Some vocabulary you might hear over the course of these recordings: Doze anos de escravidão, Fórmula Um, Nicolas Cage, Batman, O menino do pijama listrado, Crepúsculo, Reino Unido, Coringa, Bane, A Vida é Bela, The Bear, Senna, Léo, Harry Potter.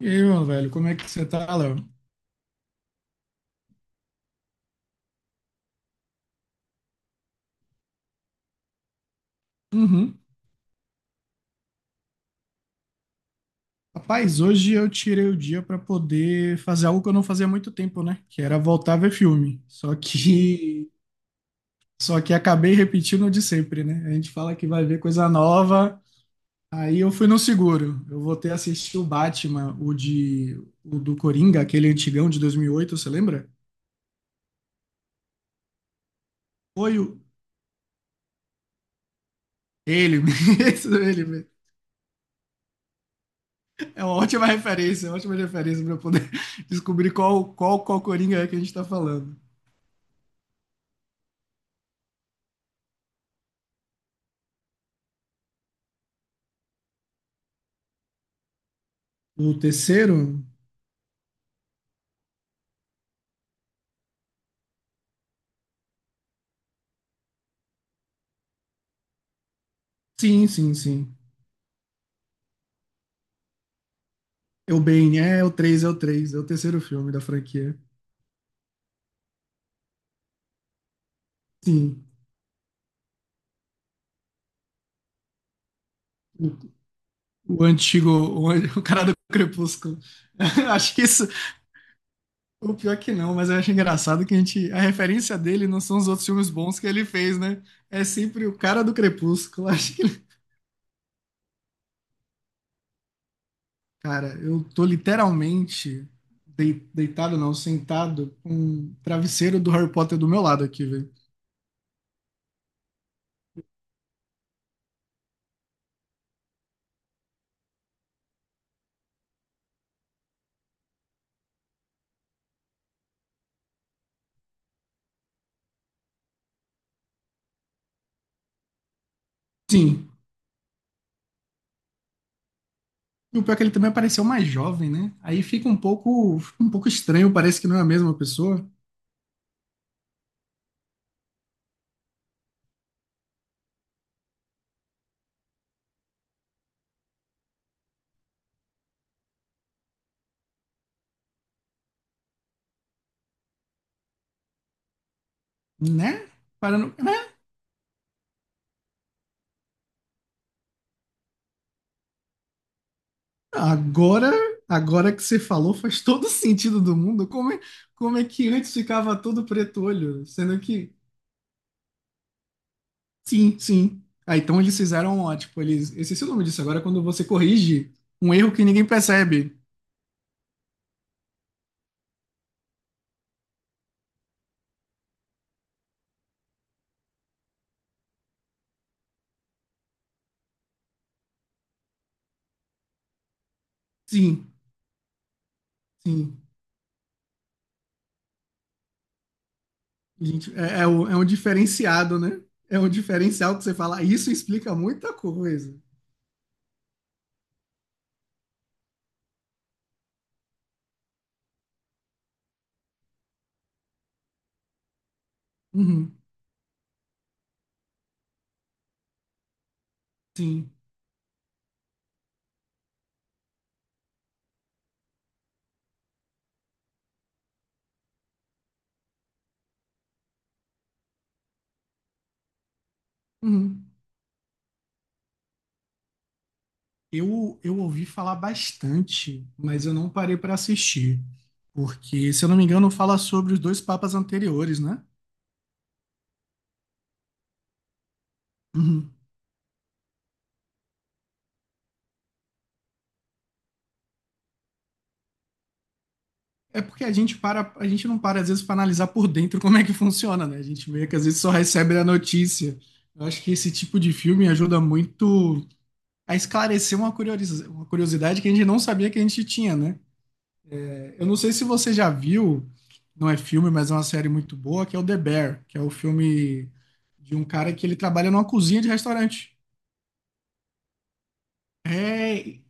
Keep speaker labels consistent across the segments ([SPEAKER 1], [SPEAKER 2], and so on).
[SPEAKER 1] E aí, meu velho, como é que você tá, Léo? Uhum. Rapaz, hoje eu tirei o dia pra poder fazer algo que eu não fazia há muito tempo, né? Que era voltar a ver filme. Só que só que acabei repetindo o de sempre, né? A gente fala que vai ver coisa nova, aí eu fui no seguro. Eu voltei a assistir o Batman, o do Coringa, aquele antigão de 2008, você lembra? Foi o ele mesmo, ele mesmo. É uma ótima referência, é uma ótima referência pra eu poder descobrir qual Coringa é que a gente tá falando. O terceiro? Sim, sim, sim. É o Bane, é o 3 é o 3 é o terceiro filme da franquia. Sim. O, o antigo, o cara do Crepúsculo. Acho que isso, o pior que não, mas eu acho engraçado que a gente, a referência dele não são os outros filmes bons que ele fez, né? É sempre o cara do Crepúsculo. Acho que, cara, eu tô literalmente deitado, não, sentado com um travesseiro do Harry Potter do meu lado aqui, velho. Sim, e o pior é que ele também apareceu mais jovem, né? Aí fica um pouco estranho, parece que não é a mesma pessoa, né? Parando... É, agora, agora que você falou, faz todo sentido do mundo. Como é que antes ficava todo preto olho? Sendo que, sim, sim. Ah, então eles fizeram, ó, tipo, eles... Eu esqueci o nome disso agora, é quando você corrige um erro que ninguém percebe. Sim, sim. Gente, é um diferenciado, né? É um diferencial que você fala, "Ah, isso explica muita coisa. Uhum, sim. Uhum. Eu ouvi falar bastante, mas eu não parei para assistir. Porque, se eu não me engano, fala sobre os dois papas anteriores, né? Uhum. É porque a gente para, a gente não para às vezes para analisar por dentro como é que funciona, né? A gente meio que às vezes só recebe a notícia. Eu acho que esse tipo de filme ajuda muito a esclarecer uma uma curiosidade que a gente não sabia que a gente tinha, né? Eu não sei se você já viu, não é filme, mas é uma série muito boa, que é o The Bear, que é o filme de um cara que ele trabalha numa cozinha de restaurante. É,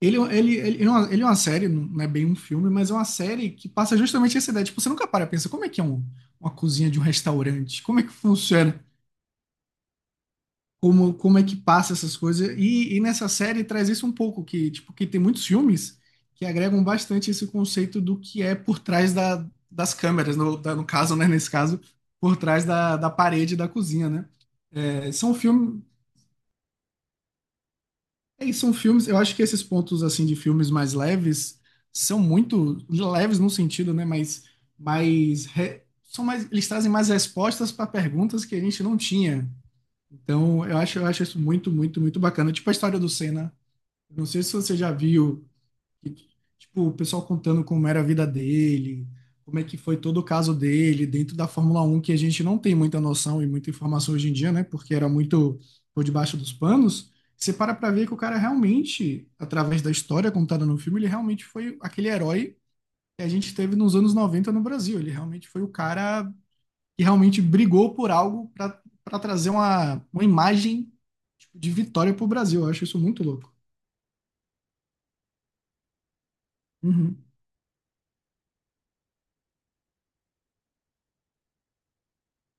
[SPEAKER 1] ele é uma série, não é bem um filme, mas é uma série que passa justamente essa ideia. Tipo, você nunca para e pensa, como é que é uma cozinha de um restaurante? Como é que funciona? Como, como é que passa essas coisas. E nessa série traz isso um pouco, que, tipo, que tem muitos filmes que agregam bastante esse conceito do que é por trás da, das câmeras, no caso, né, nesse caso, por trás da, da parede da cozinha, né? É, são filmes, é, são filmes, eu acho que esses pontos, assim, de filmes mais leves são muito leves no sentido, né, mas mais... São mais, eles trazem mais respostas para perguntas que a gente não tinha. Então, eu acho isso muito, muito, muito bacana. Tipo a história do Senna. Não sei se você já viu, tipo, o pessoal contando como era a vida dele, como é que foi todo o caso dele dentro da Fórmula Um que a gente não tem muita noção e muita informação hoje em dia, né? Porque era muito por debaixo dos panos. Você para pra ver que o cara realmente, através da história contada no filme, ele realmente foi aquele herói que a gente teve nos anos 90 no Brasil. Ele realmente foi o cara que realmente brigou por algo para trazer uma imagem, tipo, de vitória pro Brasil. Eu acho isso muito louco. Uhum.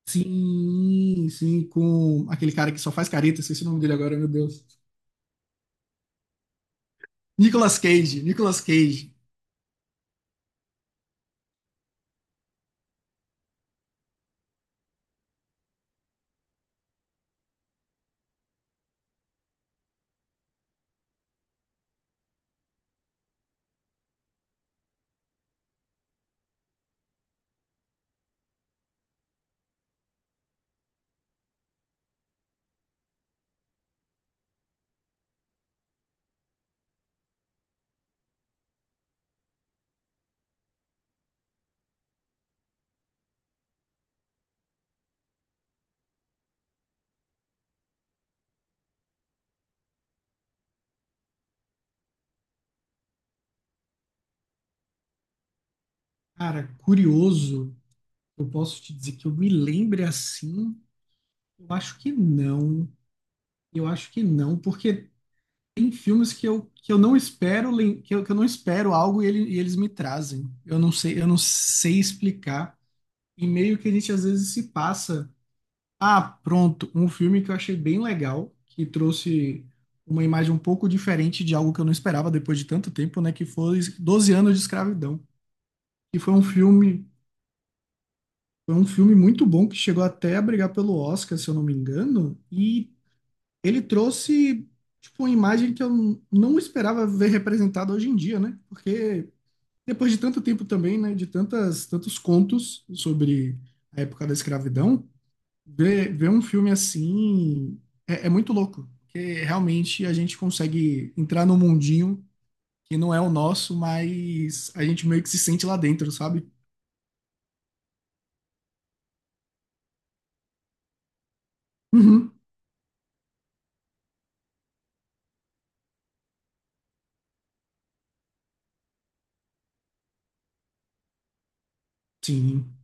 [SPEAKER 1] Sim, sim, com aquele cara que só faz careta, esqueci o nome dele agora, meu Deus. Nicolas Cage, Nicolas Cage. Cara, curioso, eu posso te dizer que eu me lembre assim? Eu acho que não. Eu acho que não, porque tem filmes que eu não espero, que eu não espero algo e, e eles me trazem. Eu não sei explicar. E meio que a gente às vezes se passa. Ah, pronto. Um filme que eu achei bem legal, que trouxe uma imagem um pouco diferente de algo que eu não esperava depois de tanto tempo, né? Que foi doze anos de escravidão. E foi um filme muito bom que chegou até a brigar pelo Oscar, se eu não me engano, e ele trouxe tipo uma imagem que eu não esperava ver representada hoje em dia, né? Porque depois de tanto tempo também, né, de tantas tantos contos sobre a época da escravidão, ver, ver um filme assim é, é muito louco, porque realmente a gente consegue entrar num mundinho que não é o nosso, mas a gente meio que se sente lá dentro, sabe? Uhum. Sim,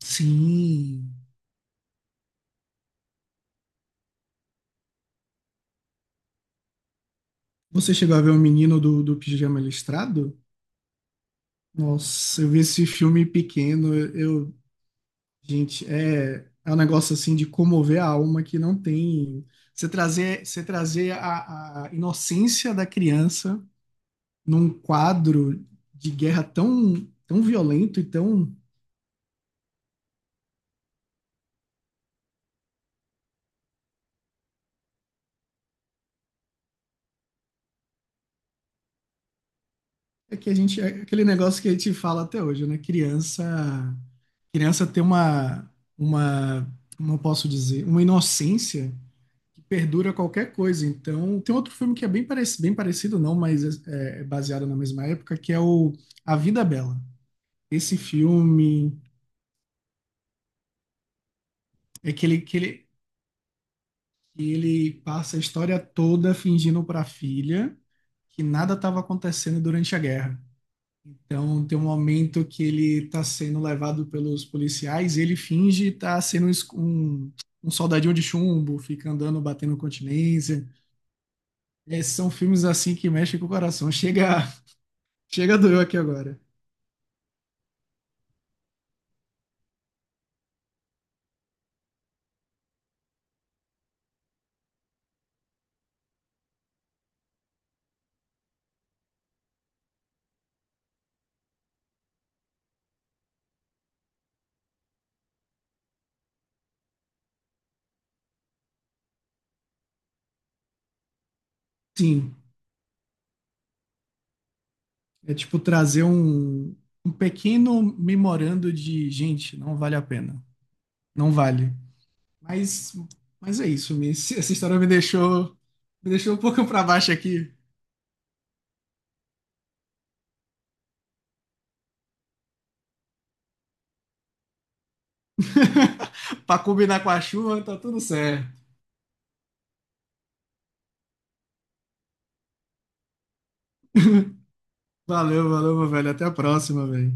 [SPEAKER 1] sim. Você chegou a ver o menino do, do pijama listrado? Nossa, eu vi esse filme pequeno, eu, gente, é, é um negócio assim de comover a alma que não tem. Você trazer a inocência da criança num quadro de guerra tão, tão violento e tão. É que a gente. É aquele negócio que a gente fala até hoje, né? Criança. Criança tem uma. Uma. Como eu posso dizer? Uma inocência que perdura qualquer coisa. Então, tem outro filme que é bem parecido não, mas é, é baseado na mesma época, que é o A Vida é Bela. Esse filme é que ele passa a história toda fingindo para a filha que nada estava acontecendo durante a guerra. Então, tem um momento que ele está sendo levado pelos policiais e ele finge estar sendo um, um soldadinho de chumbo, fica andando, batendo continência. É, são filmes assim que mexem com o coração. Chega, chega doeu aqui agora. Sim, é tipo trazer um, um pequeno memorando de, gente, não vale a pena. Não vale. Mas, mas é isso, essa história me deixou um pouco para baixo aqui. Para combinar com a chuva, tá tudo certo. Valeu, valeu, meu velho. Até a próxima, velho.